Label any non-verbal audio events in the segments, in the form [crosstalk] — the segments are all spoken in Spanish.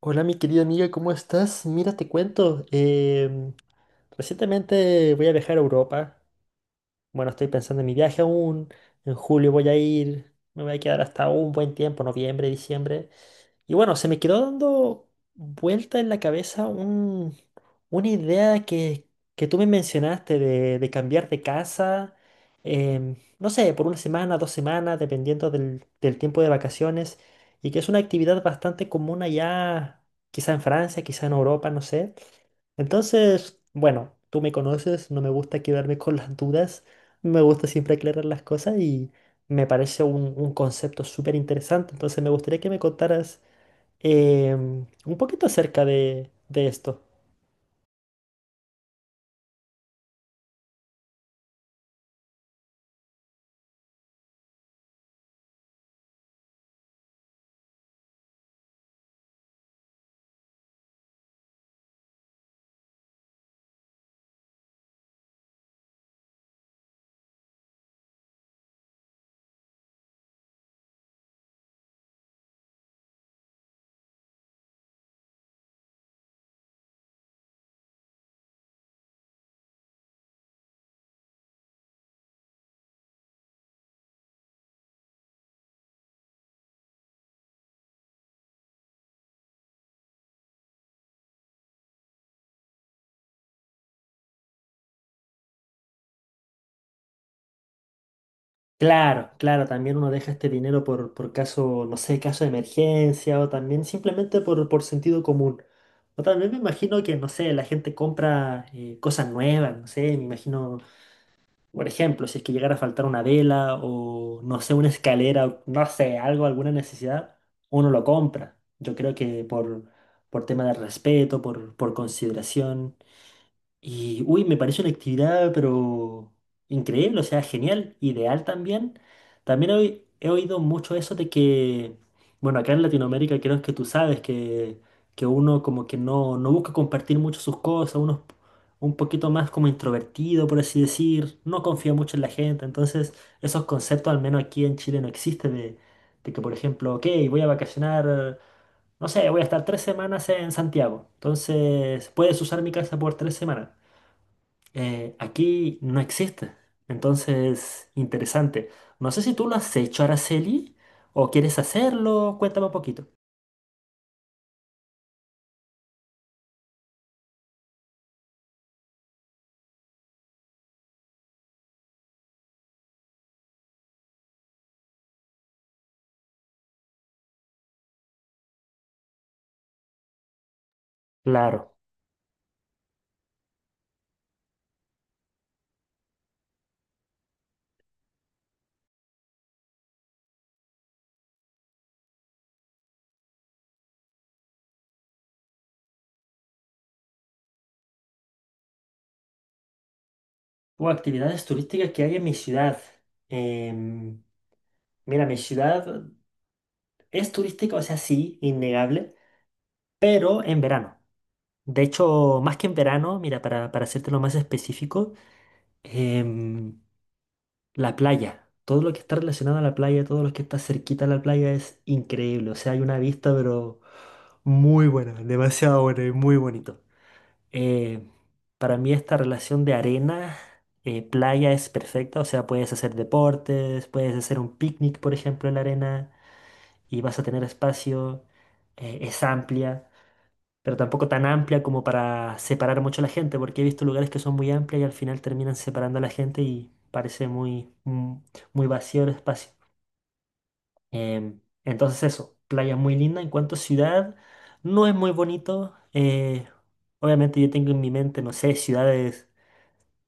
Hola mi querida amiga, ¿cómo estás? Mira, te cuento, recientemente voy a viajar a Europa, bueno, estoy pensando en mi viaje aún. En julio voy a ir. Me voy a quedar hasta un buen tiempo, noviembre, diciembre. Y bueno, se me quedó dando vuelta en la cabeza una idea que tú me mencionaste de cambiar de casa, no sé, por una semana, dos semanas, dependiendo del tiempo de vacaciones, y que es una actividad bastante común allá, quizá en Francia, quizá en Europa, no sé. Entonces, bueno, tú me conoces, no me gusta quedarme con las dudas. Me gusta siempre aclarar las cosas y me parece un concepto súper interesante. Entonces me gustaría que me contaras un poquito acerca de esto. Claro, claro, también uno deja este dinero por caso, no sé, caso de emergencia o también simplemente por sentido común. O también me imagino que, no sé, la gente compra cosas nuevas, no sé, me imagino. Por ejemplo, si es que llegara a faltar una vela o, no sé, una escalera, o no sé, algo, alguna necesidad, uno lo compra. Yo creo que por tema de respeto, por consideración. Y, uy, me parece una actividad, pero increíble, o sea, genial, ideal también. También he oído mucho eso de que, bueno, acá en Latinoamérica creo que tú sabes que uno como que no busca compartir mucho sus cosas, uno es un poquito más como introvertido, por así decir, no confía mucho en la gente. Entonces, esos conceptos, al menos aquí en Chile, no existen de que, por ejemplo, ok, voy a vacacionar. No sé, voy a estar tres semanas en Santiago. Entonces, puedes usar mi casa por tres semanas. Aquí no existe. Entonces, interesante. No sé si tú lo has hecho, Araceli, o quieres hacerlo. Cuéntame un poquito. Claro. O actividades turísticas que hay en mi ciudad. Em, mira, mi ciudad es turística, o sea, sí, innegable, pero en verano. De hecho, más que en verano, mira, para hacértelo más específico, em, la playa. Todo lo que está relacionado a la playa, todo lo que está cerquita a la playa es increíble. O sea, hay una vista, pero... muy buena, demasiado buena y muy bonito. Eh, para mí esta relación de arena, playa es perfecta, o sea, puedes hacer deportes, puedes hacer un picnic, por ejemplo, en la arena y vas a tener espacio, es amplia, pero tampoco tan amplia como para separar mucho a la gente, porque he visto lugares que son muy amplias y al final terminan separando a la gente y parece muy vacío el espacio. Entonces eso, playa muy linda. En cuanto a ciudad, no es muy bonito. Obviamente yo tengo en mi mente, no sé, ciudades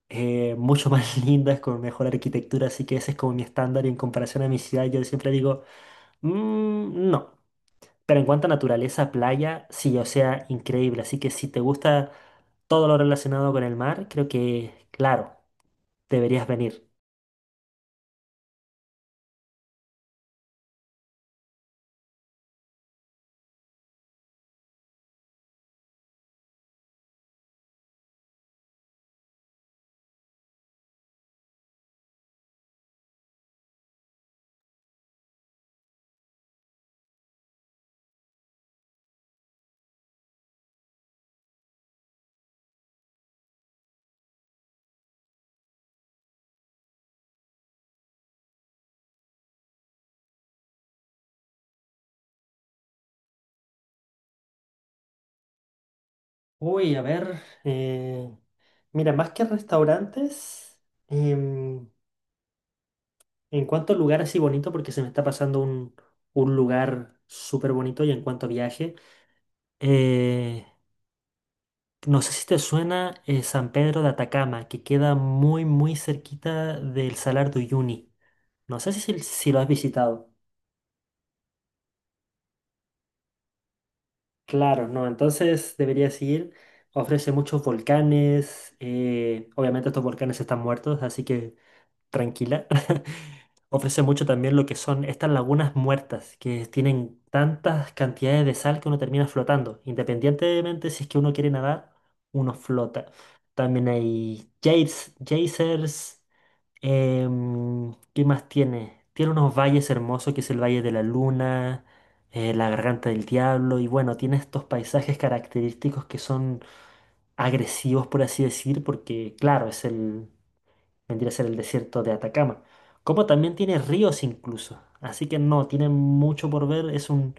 mucho [laughs] más lindas con mejor arquitectura, así que ese es como mi estándar y en comparación a mi ciudad yo siempre digo, "Mm, no". Pero en cuanto a naturaleza, playa, sí, o sea, increíble. Así que si te gusta todo lo relacionado con el mar, creo que, claro, deberías venir. Uy, a ver, mira, más que restaurantes. em, En cuanto a lugar así bonito, porque se me está pasando un lugar súper bonito y en cuanto a viaje, eh, no sé si te suena San Pedro de Atacama, que queda muy, muy cerquita del Salar de Uyuni. No sé si lo has visitado. Claro, no, entonces deberías ir. Ofrece muchos volcanes. Obviamente estos volcanes están muertos, así que tranquila, [laughs] ofrece mucho también lo que son estas lagunas muertas, que tienen tantas cantidades de sal que uno termina flotando. Independientemente si es que uno quiere nadar, uno flota. También hay geysers. ¿Qué más tiene? Tiene unos valles hermosos, que es el Valle de la Luna, la Garganta del Diablo, y bueno, tiene estos paisajes característicos que son agresivos, por así decir, porque claro, es el vendría a ser el desierto de Atacama, como también tiene ríos incluso. Así que no, tiene mucho por ver, es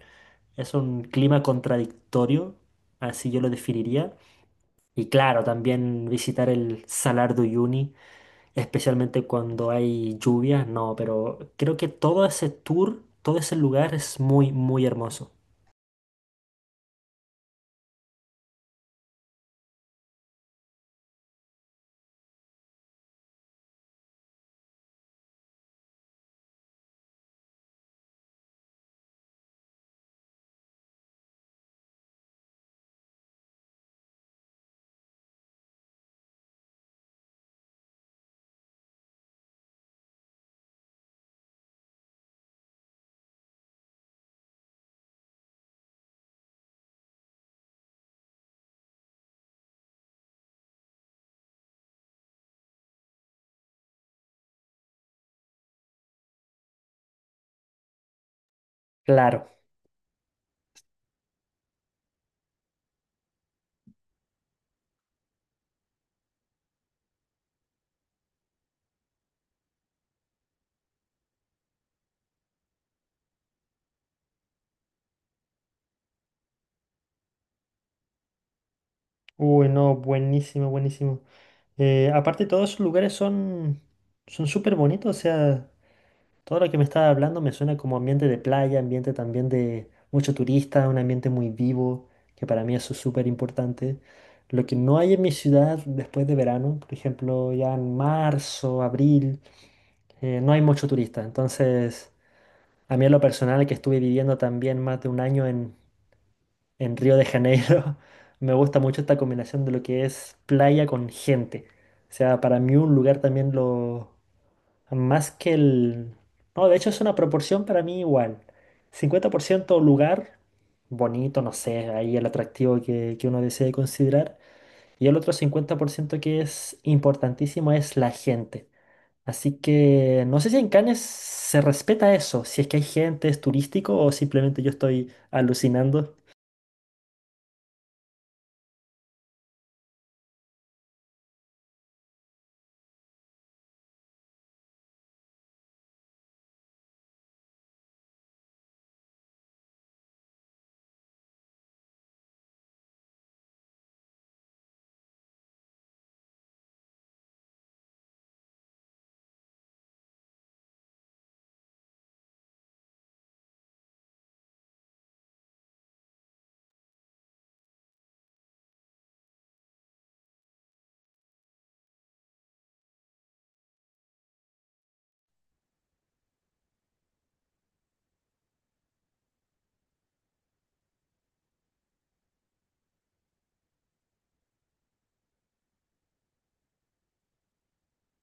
es un clima contradictorio, así yo lo definiría. Y claro, también visitar el Salar de Uyuni, especialmente cuando hay lluvias, no, pero creo que todo ese tour, todo ese lugar es muy, muy hermoso. Claro. Uy, no, buenísimo, buenísimo. Aparte, todos esos lugares son súper bonitos, o sea, todo lo que me estaba hablando me suena como ambiente de playa, ambiente también de mucho turista, un ambiente muy vivo, que para mí eso es súper importante. Lo que no hay en mi ciudad después de verano, por ejemplo, ya en marzo, abril, no hay mucho turista. Entonces, a mí en lo personal, que estuve viviendo también más de un año en Río de Janeiro, [laughs] me gusta mucho esta combinación de lo que es playa con gente. O sea, para mí un lugar también lo más que el... No, de hecho es una proporción para mí igual. 50% lugar bonito, no sé, ahí el atractivo que uno desee considerar. Y el otro 50% que es importantísimo es la gente. Así que no sé si en Cannes se respeta eso, si es que hay gente, es turístico o simplemente yo estoy alucinando.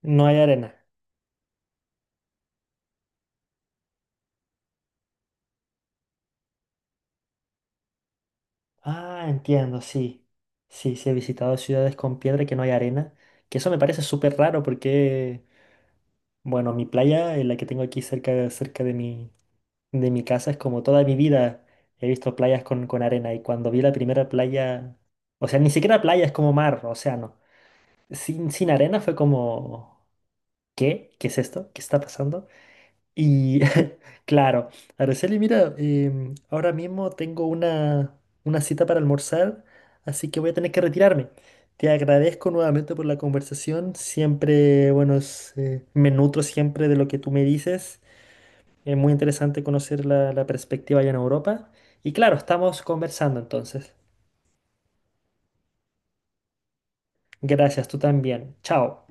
No hay arena. Ah, entiendo, sí. Sí, sí, he visitado ciudades con piedra que no hay arena, que eso me parece súper raro porque... bueno, mi playa, la que tengo aquí cerca, cerca de mi casa, es como toda mi vida he visto playas con arena y cuando vi la primera playa, o sea, ni siquiera playa, es como mar, océano. Sin arena fue como, ¿qué? ¿Qué es esto? ¿Qué está pasando? Y [laughs] claro, Araceli, mira, ahora mismo tengo una cita para almorzar, así que voy a tener que retirarme. Te agradezco nuevamente por la conversación. Siempre, bueno, me nutro siempre de lo que tú me dices. Es muy interesante conocer la perspectiva allá en Europa. Y claro, estamos conversando entonces. Gracias, tú también. Chao.